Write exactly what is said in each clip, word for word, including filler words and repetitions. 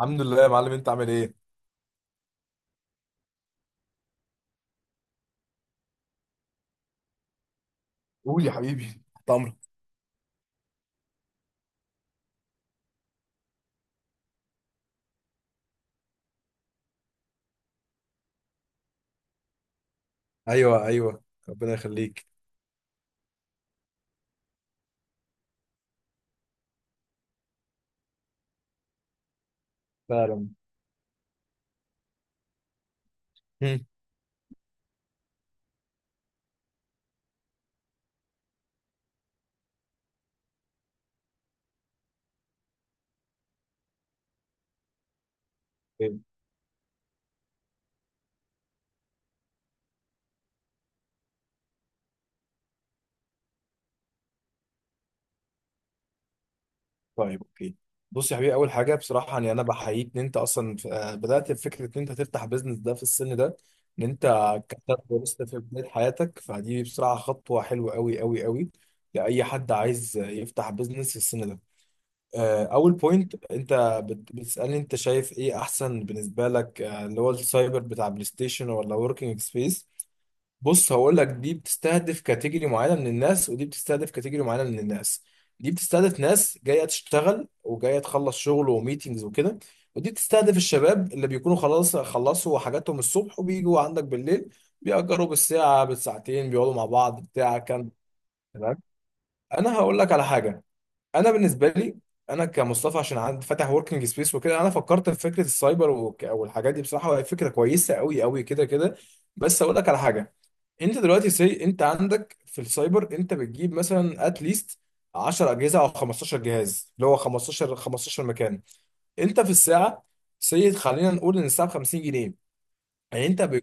الحمد لله يا معلم، انت عامل ايه؟ قول يا حبيبي، تحت امرك. ايوه ايوه، ربنا يخليك. فعلا. هم. طيب. طيب، اوكي. بص يا حبيبي، اول حاجه بصراحه يعني انا بحييك ان انت اصلا ف- آه، بدات بفكره ان انت تفتح بيزنس ده في السن ده، ان انت كتبت ولسه في بدايه حياتك، فدي بصراحه خطوه حلوه قوي قوي قوي لاي حد عايز يفتح بيزنس في السن ده. آه، اول بوينت، انت بت- بتسالني انت شايف ايه احسن بالنسبه لك، آه، اللي هو السايبر بتاع بلاي ستيشن ولا وركينج سبيس. بص هقول لك، دي بتستهدف كاتيجوري معينه من الناس ودي بتستهدف كاتيجوري معينه من الناس. دي بتستهدف ناس جايه تشتغل وجايه تخلص شغل وميتينجز وكده، ودي بتستهدف الشباب اللي بيكونوا خلاص خلصوا حاجاتهم الصبح وبيجوا عندك بالليل، بيأجروا بالساعه بالساعتين، بيقعدوا مع بعض بتاع كام. تمام. انا هقول لك على حاجه. انا بالنسبه لي، انا كمصطفى عشان عندي فاتح وركينج سبيس وكده، انا فكرت في فكره السايبر وك- والحاجات دي بصراحه، وهي فكره كويسه قوي قوي كده كده. بس اقول لك على حاجه. انت دلوقتي سي، انت عندك في السايبر انت بتجيب مثلا اتليست عشر اجهزه او خمستاشر جهاز، اللي هو خمستاشر خمستاشر مكان. انت في الساعه، سي، خلينا نقول ان الساعه ب خمسين جنيه. يعني انت ب...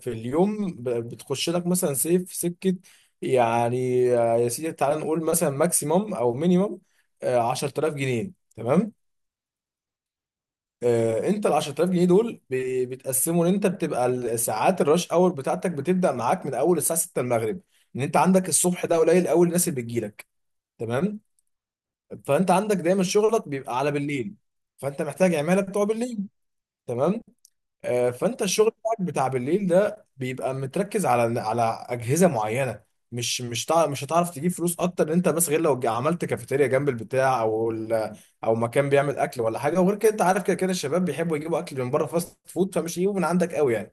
في اليوم ب... بتخش لك مثلا سي في سكه يعني، آه، يا سيدي تعال نقول مثلا ماكسيموم او مينيموم عشر تلاف جنيه. تمام. آه، انت ال عشر تلاف جنيه دول ب- بتقسموا، ان انت بتبقى الساعات الرش اور بتاعتك بتبدا معاك من اول الساعه ستة المغرب، ان انت عندك الصبح ده قليل قوي الناس اللي بتجيلك. تمام. فانت عندك دايما شغلك بيبقى على بالليل، فانت محتاج عماله بتوع بالليل. تمام. آه، فانت الشغل بتاعك بتاع بالليل ده بيبقى متركز على على اجهزه معينه. مش مش تع- مش هتعرف تجيب فلوس اكتر ان انت بس، غير لو عملت كافيتيريا جنب البتاع او ال- او مكان بيعمل اكل ولا حاجه. وغير كده انت عارف كده كده الشباب بيحبوا يجيبوا اكل من بره فاست فود، فمش يجيبوا من عندك قوي يعني.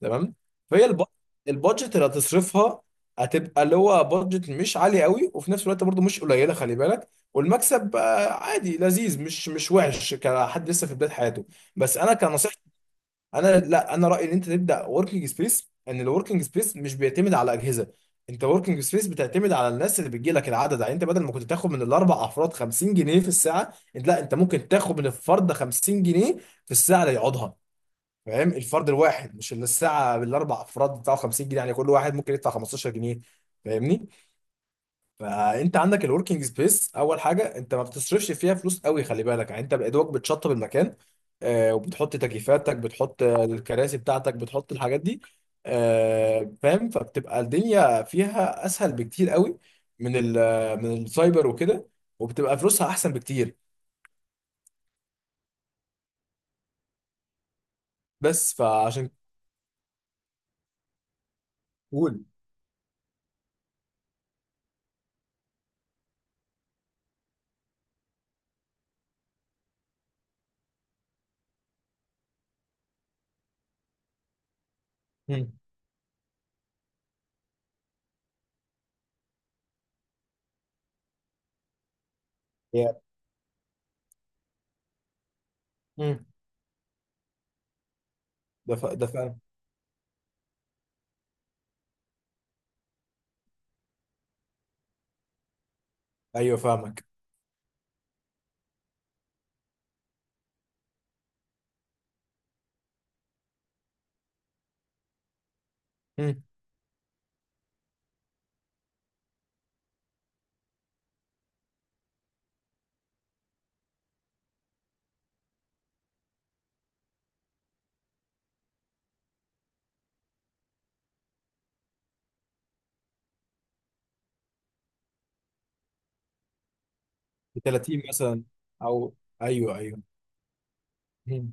تمام. فهي الب- البادجت اللي هتصرفها هتبقى اللي هو بادجت مش عالي قوي، وفي نفس الوقت برضو مش قليله، خلي بالك. والمكسب آه، عادي لذيذ، مش مش وحش كحد لسه في بدايه حياته. بس انا كنصيحه، انا لا، انا رايي ان انت تبدا وركينج سبيس، ان الوركينج سبيس مش بيعتمد على اجهزه. انت وركينج سبيس بتعتمد على الناس اللي بتجي لك، العدد. يعني انت بدل ما كنت تاخد من الاربع افراد خمسين جنيه في الساعه، انت لا، انت ممكن تاخد من الفرد خمسين جنيه في الساعه اللي يقعدها. فاهم؟ الفرد الواحد، مش اللي الساعه بالاربع افراد بتاعه خمسين جنيه. يعني كل واحد ممكن يدفع خمسة عشر جنيه. فاهمني؟ فانت عندك الوركينج سبيس، اول حاجه انت ما بتصرفش فيها فلوس قوي، خلي بالك. يعني انت بادواك بتشطب المكان، آه، وبتحط تكييفاتك، بتحط الكراسي بتاعتك، بتحط الحاجات دي. آه، فاهم، فبتبقى الدنيا فيها اسهل بكتير قوي من ال من السايبر وكده، وبتبقى فلوسها احسن بكتير. بس فعشان. قول. مم. يا. مم. ده ف... ده فاهم. ايوه فاهمك. مم. ب تلاتين مثلا، او ايوه ايوه. مم.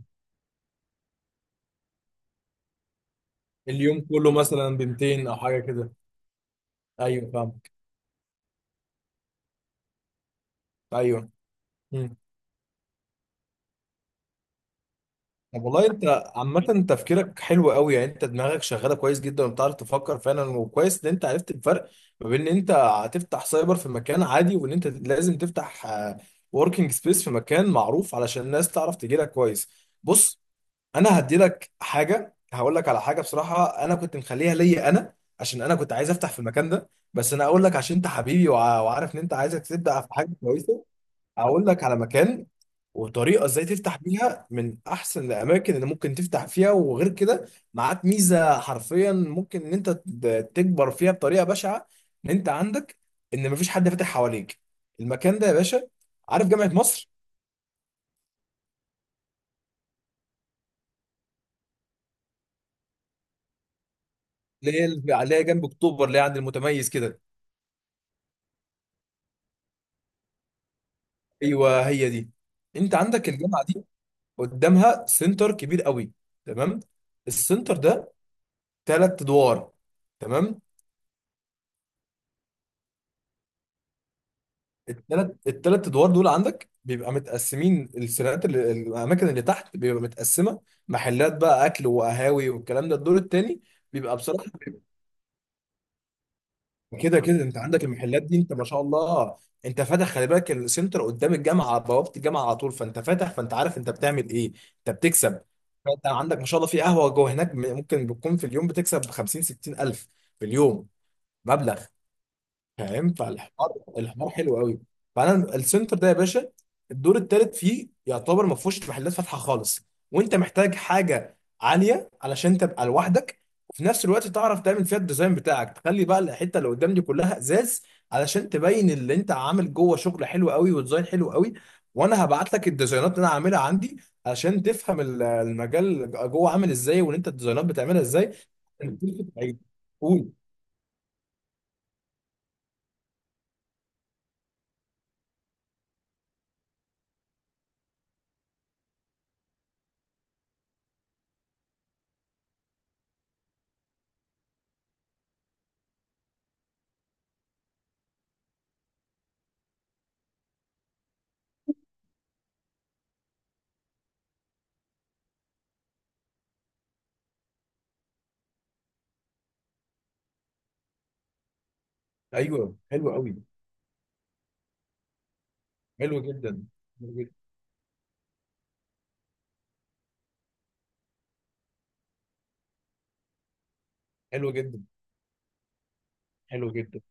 اليوم كله مثلا ب ميتين او حاجه كده. ايوه فاهمك. ايوه. مم. طب والله انت عامة تفكيرك حلو قوي، يعني انت دماغك شغالة كويس جدا وبتعرف تفكر فعلا، وكويس ان انت عرفت الفرق ما بين ان انت هتفتح سايبر في مكان عادي، وان انت لازم تفتح وركينج سبيس في مكان معروف علشان الناس تعرف تجي لك كويس. بص، انا هدي لك حاجة، هقول لك على حاجة بصراحة انا كنت مخليها ليا انا، عشان انا كنت عايز افتح في المكان ده، بس انا اقول لك عشان انت حبيبي وع- وعارف ان انت، عايزك تبدأ في حاجة كويسة. هقول لك على مكان وطريقه ازاي تفتح بيها، من احسن الاماكن اللي ممكن تفتح فيها. وغير كده، معاك ميزه حرفيا ممكن ان انت ت- تكبر فيها بطريقه بشعه، ان انت عندك ان مفيش حد فاتح حواليك. المكان ده يا باشا، عارف جامعه مصر؟ اللي هي اللي عليها جنب اكتوبر، اللي هي عند المتميز كده. ايوه هي دي. انت عندك الجامعه دي، قدامها سنتر كبير قوي. تمام. السنتر ده ثلاث ادوار. تمام. التلات التلات ادوار دول عندك بيبقى متقسمين السيرات، اللي الاماكن اللي تحت بيبقى متقسمه محلات بقى اكل وقهاوي والكلام ده. الدور التاني بيبقى بصراحه بيبقى، كده كده انت عندك المحلات دي، انت ما شاء الله، انت فاتح، خلي بالك السنتر قدام الجامعه على بوابه الجامعه على طول، فانت فاتح، فانت عارف انت بتعمل ايه، انت بتكسب. فانت عندك ما شاء الله في قهوه جوه هناك ممكن بتكون في اليوم بتكسب خمسين ستين الف في اليوم، مبلغ هينفع. الحوار الحوار حلو قوي. فانا السنتر ده يا باشا، الدور الثالث فيه يعتبر ما فيهوش محلات فاتحه خالص، وانت محتاج حاجه عاليه علشان تبقى لوحدك، وفي نفس الوقت تعرف تعمل فيها الديزاين بتاعك، تخلي بقى الحته اللي قدام دي كلها ازاز، علشان تبين اللي انت عامل جوه شغل حلو قوي وديزاين حلو قوي. وانا هبعت لك الديزاينات اللي انا عاملها عندي، علشان تفهم ال- المجال جوه عامل ازاي، وان انت الديزاينات بتعملها ازاي. قول. ايوه حلو قوي. حلو جدا. حلو جدا. حلو جدا. حلو جدا.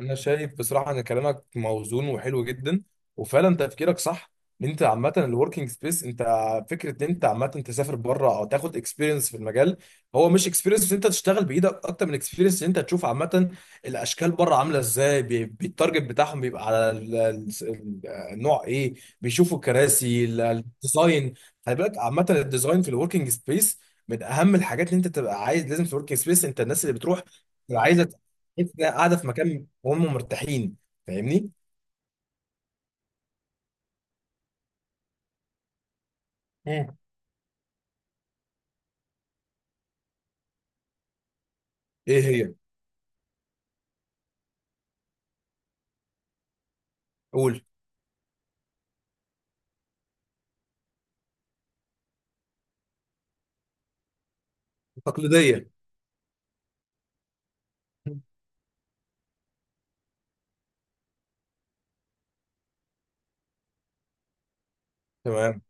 انا شايف بصراحه ان كلامك موزون وحلو جدا، وفعلا تفكيرك صح، ان انت عامه الوركينج سبيس. انت فكره ان انت عامه تسافر بره او تاخد اكسبيرينس في المجال، هو مش اكسبيرينس ان انت تشتغل بايدك، اكتر من اكسبيرينس ان انت تشوف عامه الاشكال بره عامله ازاي، بي- بالتارجت بتاعهم بيبقى على ال- ال- النوع ايه، بيشوفوا الكراسي ال- الديزاين. خلي بالك، عامه الديزاين في الوركينج سبيس من اهم الحاجات. ان انت تبقى عايز، لازم في الوركينج سبيس انت الناس اللي بتروح تبقى عايزه تحس انها قاعده في مكان وهم مرتاحين. فاهمني؟ مم. ايه. هي. قول. تقليديه. تمام.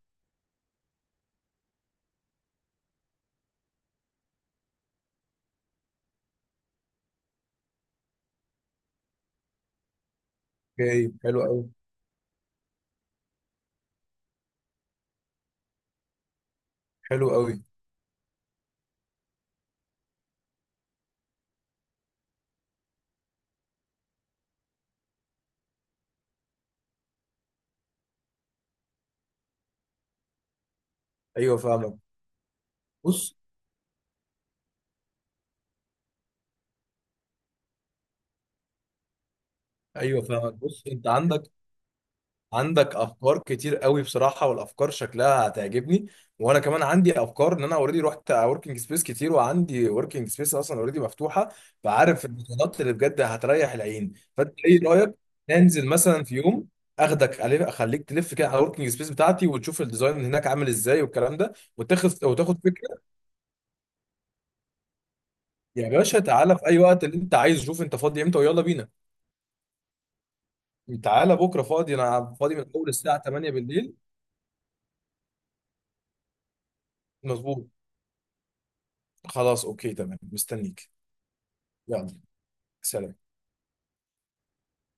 اوكي حلو قوي. حلو قوي. ايوه فاهمك. بص. ايوه فاهمك. بص انت عندك، عندك افكار كتير قوي بصراحه، والافكار شكلها هتعجبني. وانا كمان عندي افكار، ان انا اوريدي رحت وركينج سبيس كتير وعندي وركينج سبيس اصلا اوريدي مفتوحه، فعارف البطولات اللي بجد هتريح العين. فانت ايه رايك ننزل مثلا في يوم اخدك عليه، اخليك تلف كده على الوركينج سبيس بتاعتي وتشوف الديزاين اللي هناك عامل ازاي والكلام ده، وتاخد وتاخد فكره. يا باشا تعالى في اي وقت اللي انت عايزه، شوف انت فاضي امتى ويلا بينا. تعالى بكره، فاضي، انا فاضي من اول الساعه تمانية بالليل. مظبوط. خلاص اوكي تمام، مستنيك. يلا. سلام.